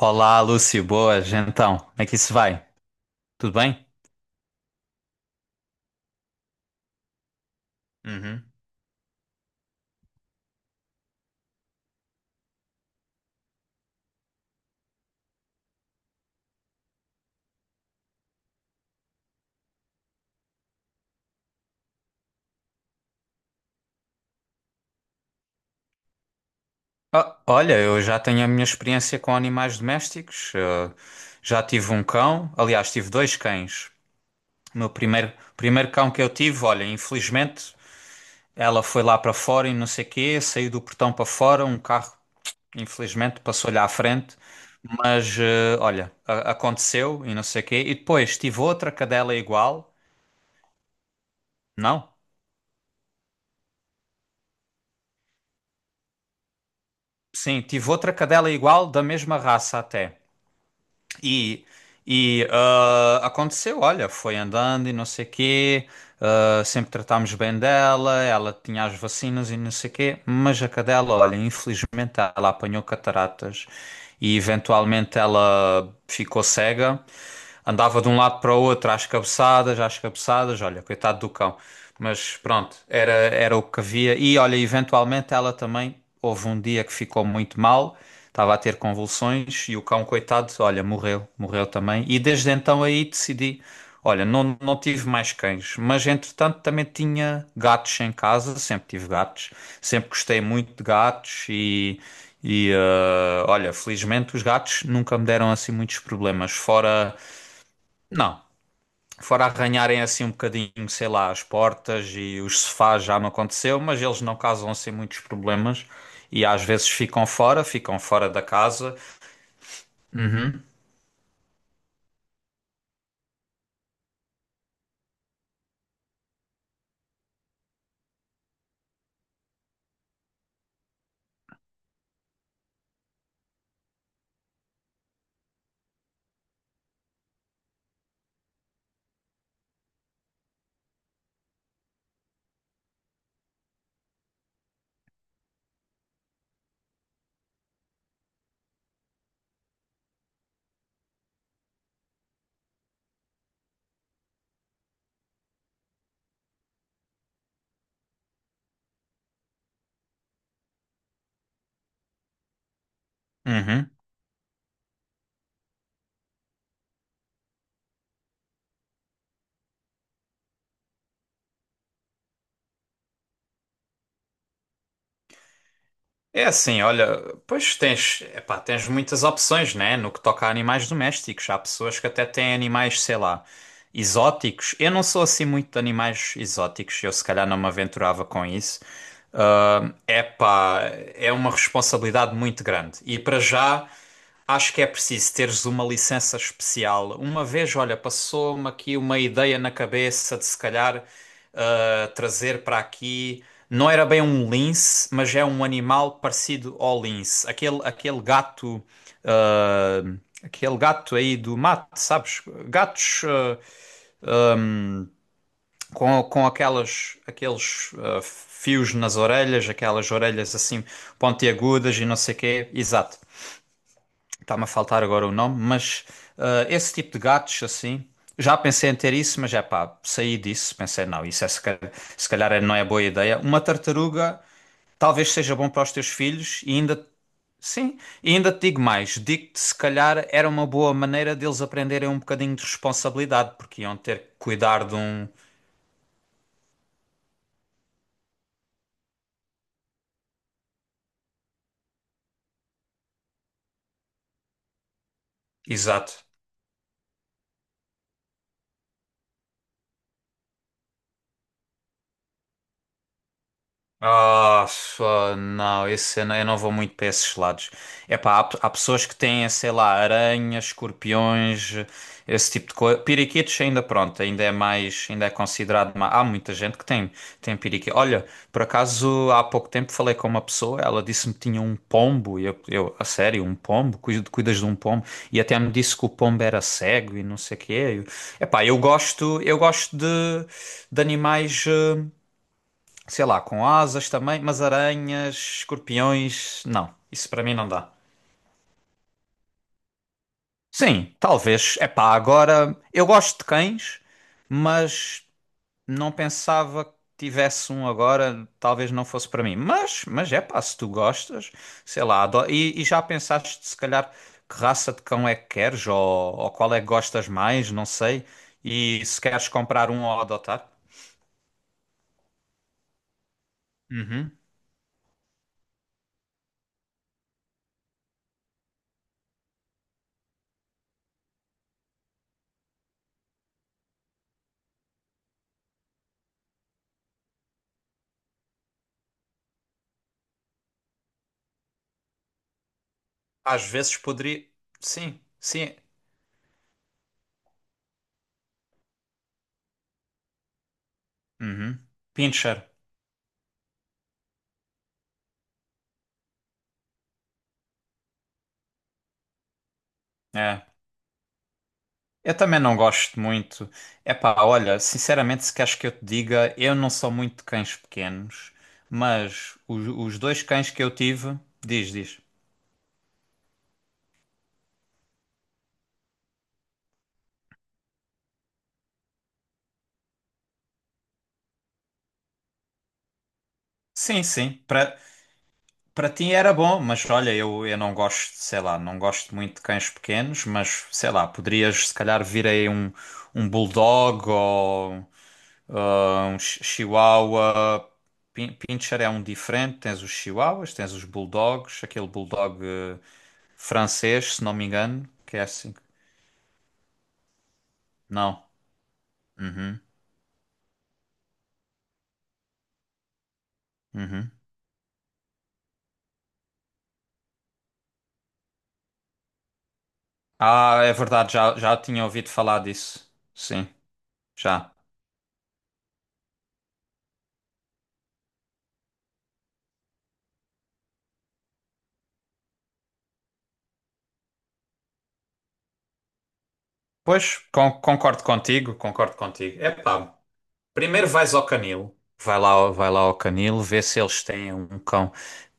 Olá, Lúcio, boas, então, como é que isso vai? Tudo bem? Uhum. Ah, olha, eu já tenho a minha experiência com animais domésticos. Já tive um cão, aliás, tive dois cães. O meu primeiro cão que eu tive, olha, infelizmente, ela foi lá para fora e não sei quê, saiu do portão para fora, um carro, infelizmente, passou-lhe à frente. Mas, olha, aconteceu e não sei quê. E depois tive outra cadela igual, não? Sim, tive outra cadela igual, da mesma raça até. E, e aconteceu, olha, foi andando e não sei quê, ah, sempre tratámos bem dela, ela tinha as vacinas e não sei quê, mas a cadela, olha, infelizmente ela apanhou cataratas e eventualmente ela ficou cega, andava de um lado para o outro às cabeçadas, olha, coitado do cão. Mas pronto, era o que havia. E olha, eventualmente ela também, houve um dia que ficou muito mal, estava a ter convulsões e o cão, coitado, olha, morreu, morreu também. E desde então aí decidi, olha, não tive mais cães, mas entretanto também tinha gatos em casa, sempre tive gatos, sempre gostei muito de gatos. E. E olha, felizmente os gatos nunca me deram assim muitos problemas, fora não. Fora arranharem assim um bocadinho, sei lá, as portas e os sofás já me aconteceu, mas eles não causam assim muitos problemas e às vezes ficam fora da casa. Uhum, uhum. É assim, olha, pois tens, epá, tens muitas opções, né? No que toca a animais domésticos, há pessoas que até têm animais, sei lá, exóticos. Eu não sou assim muito de animais exóticos, eu se calhar não me aventurava com isso. Ah, epá, é uma responsabilidade muito grande. E para já, acho que é preciso teres uma licença especial. Uma vez, olha, passou-me aqui uma ideia na cabeça de se calhar trazer para aqui. Não era bem um lince, mas é um animal parecido ao lince. Aquele gato. Aquele gato aí do mato, sabes? Gatos com aquelas, aqueles fios nas orelhas, aquelas orelhas assim pontiagudas e não sei o quê. Exato. Está-me a faltar agora o nome, mas esse tipo de gatos assim. Já pensei em ter isso, mas é pá, saí disso. Pensei, não, isso é se calhar, se calhar não é boa ideia. Uma tartaruga talvez seja bom para os teus filhos e ainda, sim, e ainda te digo mais, digo-te se calhar era uma boa maneira deles aprenderem um bocadinho de responsabilidade, porque iam ter que cuidar de um, exato. Ah, não, esse eu não vou muito para esses lados. É pá, há, há pessoas que têm, sei lá, aranhas, escorpiões, esse tipo de coisa. Piriquitos ainda, pronto, ainda é mais, ainda é considerado mais. Há muita gente que tem, tem piriquitos. Olha, por acaso há pouco tempo falei com uma pessoa, ela disse-me que tinha um pombo, e eu, a sério, um pombo? Cuidas de um pombo? E até me disse que o pombo era cego e não sei o quê. É pá, eu epá, eu gosto de animais. Sei lá, com asas também, mas aranhas, escorpiões, não, isso para mim não dá. Sim, talvez. É pá, agora eu gosto de cães, mas não pensava que tivesse um agora, talvez não fosse para mim. Mas é pá, se tu gostas, sei lá, e já pensaste se calhar que raça de cão é que queres, ou qual é que gostas mais, não sei, e se queres comprar um ou adotar? Uhum. Às vezes poderia. Sim, sim. Uhum. Pinscher. É, eu também não gosto muito. Epá, olha, sinceramente, se queres que eu te diga, eu não sou muito de cães pequenos, mas os dois cães que eu tive, diz, diz. Sim, sim, para para ti era bom, mas olha, eu não gosto, sei lá, não gosto muito de cães pequenos, mas sei lá, poderias se calhar vir aí um bulldog ou. Ah, um chihuahua. Pincher é um diferente. Tens os chihuahuas, tens os bulldogs, aquele bulldog francês, se não me engano, que é assim. Não. Uhum, uhum. Ah, é verdade, já, já tinha ouvido falar disso. Sim, já. Pois, concordo contigo, concordo contigo. Epá, primeiro vais ao canil, vai lá, vai lá ao canil, vê se eles têm um cão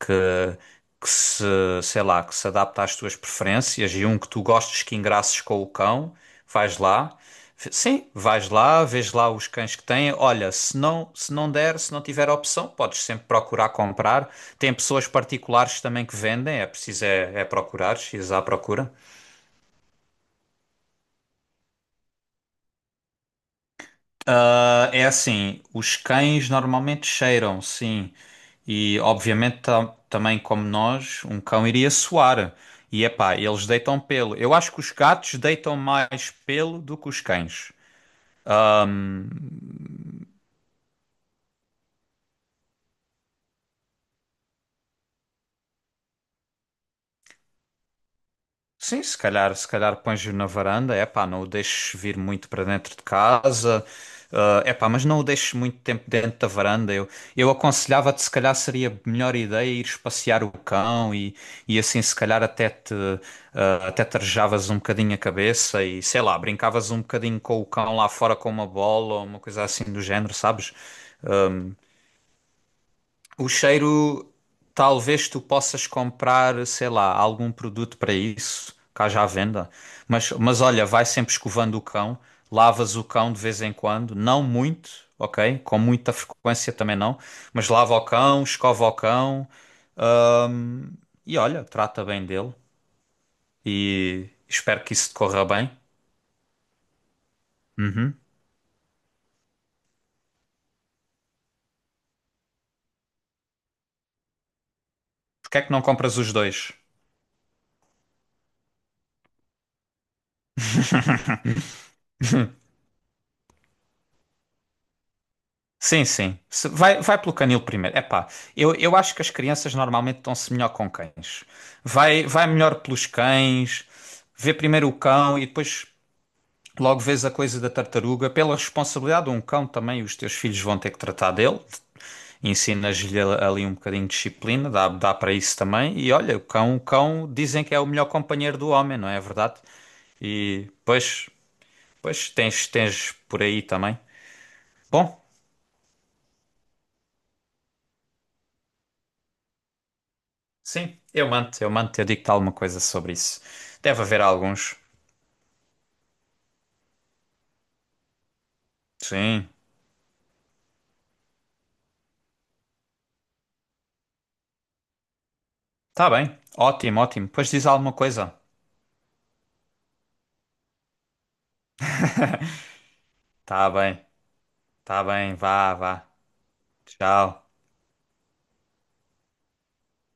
que, que se, sei lá, que se adapta às tuas preferências e um que tu gostes, que engraças com o cão, vais lá. Sim, vais lá, vês lá os cães que têm. Olha, se não, se não der, se não tiver opção, podes sempre procurar comprar. Tem pessoas particulares também que vendem, é preciso é, é procurar, ir à procura. Ah, é assim, os cães normalmente cheiram, sim. E obviamente também como nós, um cão iria suar. E epá, eles deitam pelo. Eu acho que os gatos deitam mais pelo do que os cães. Sim, se calhar, se calhar pões-o na varanda, é pá, não o deixes vir muito para dentro de casa, é pá, mas não o deixes muito tempo dentro da varanda. Eu aconselhava-te, se calhar seria a melhor ideia ires passear o cão e assim, se calhar, até te arejavas um bocadinho a cabeça e sei lá, brincavas um bocadinho com o cão lá fora com uma bola ou uma coisa assim do género, sabes? O cheiro, talvez tu possas comprar, sei lá, algum produto para isso, cá já à venda. Mas olha, vai sempre escovando o cão, lavas o cão de vez em quando, não muito, ok? Com muita frequência também não, mas lava o cão, escova o cão e olha, trata bem dele e espero que isso te corra bem. Uhum. Porque é que não compras os dois? Sim, sim. Vai, vai pelo canil primeiro. Epá, eu acho que as crianças normalmente estão-se melhor com cães. Vai, vai melhor pelos cães, vê primeiro o cão e depois logo vês a coisa da tartaruga. Pela responsabilidade de um cão também, os teus filhos vão ter que tratar dele. Ensinas-lhe ali um bocadinho de disciplina, dá, dá para isso também. E olha, o cão dizem que é o melhor companheiro do homem, não é verdade? E pois, pois tens, tens por aí também. Bom. Sim, eu mando, eu mando, eu digo-te alguma coisa sobre isso. Deve haver alguns. Sim, tá bem. Ótimo, ótimo. Pois diz alguma coisa. Tá bem, tá bem, vá, vá. Tchau.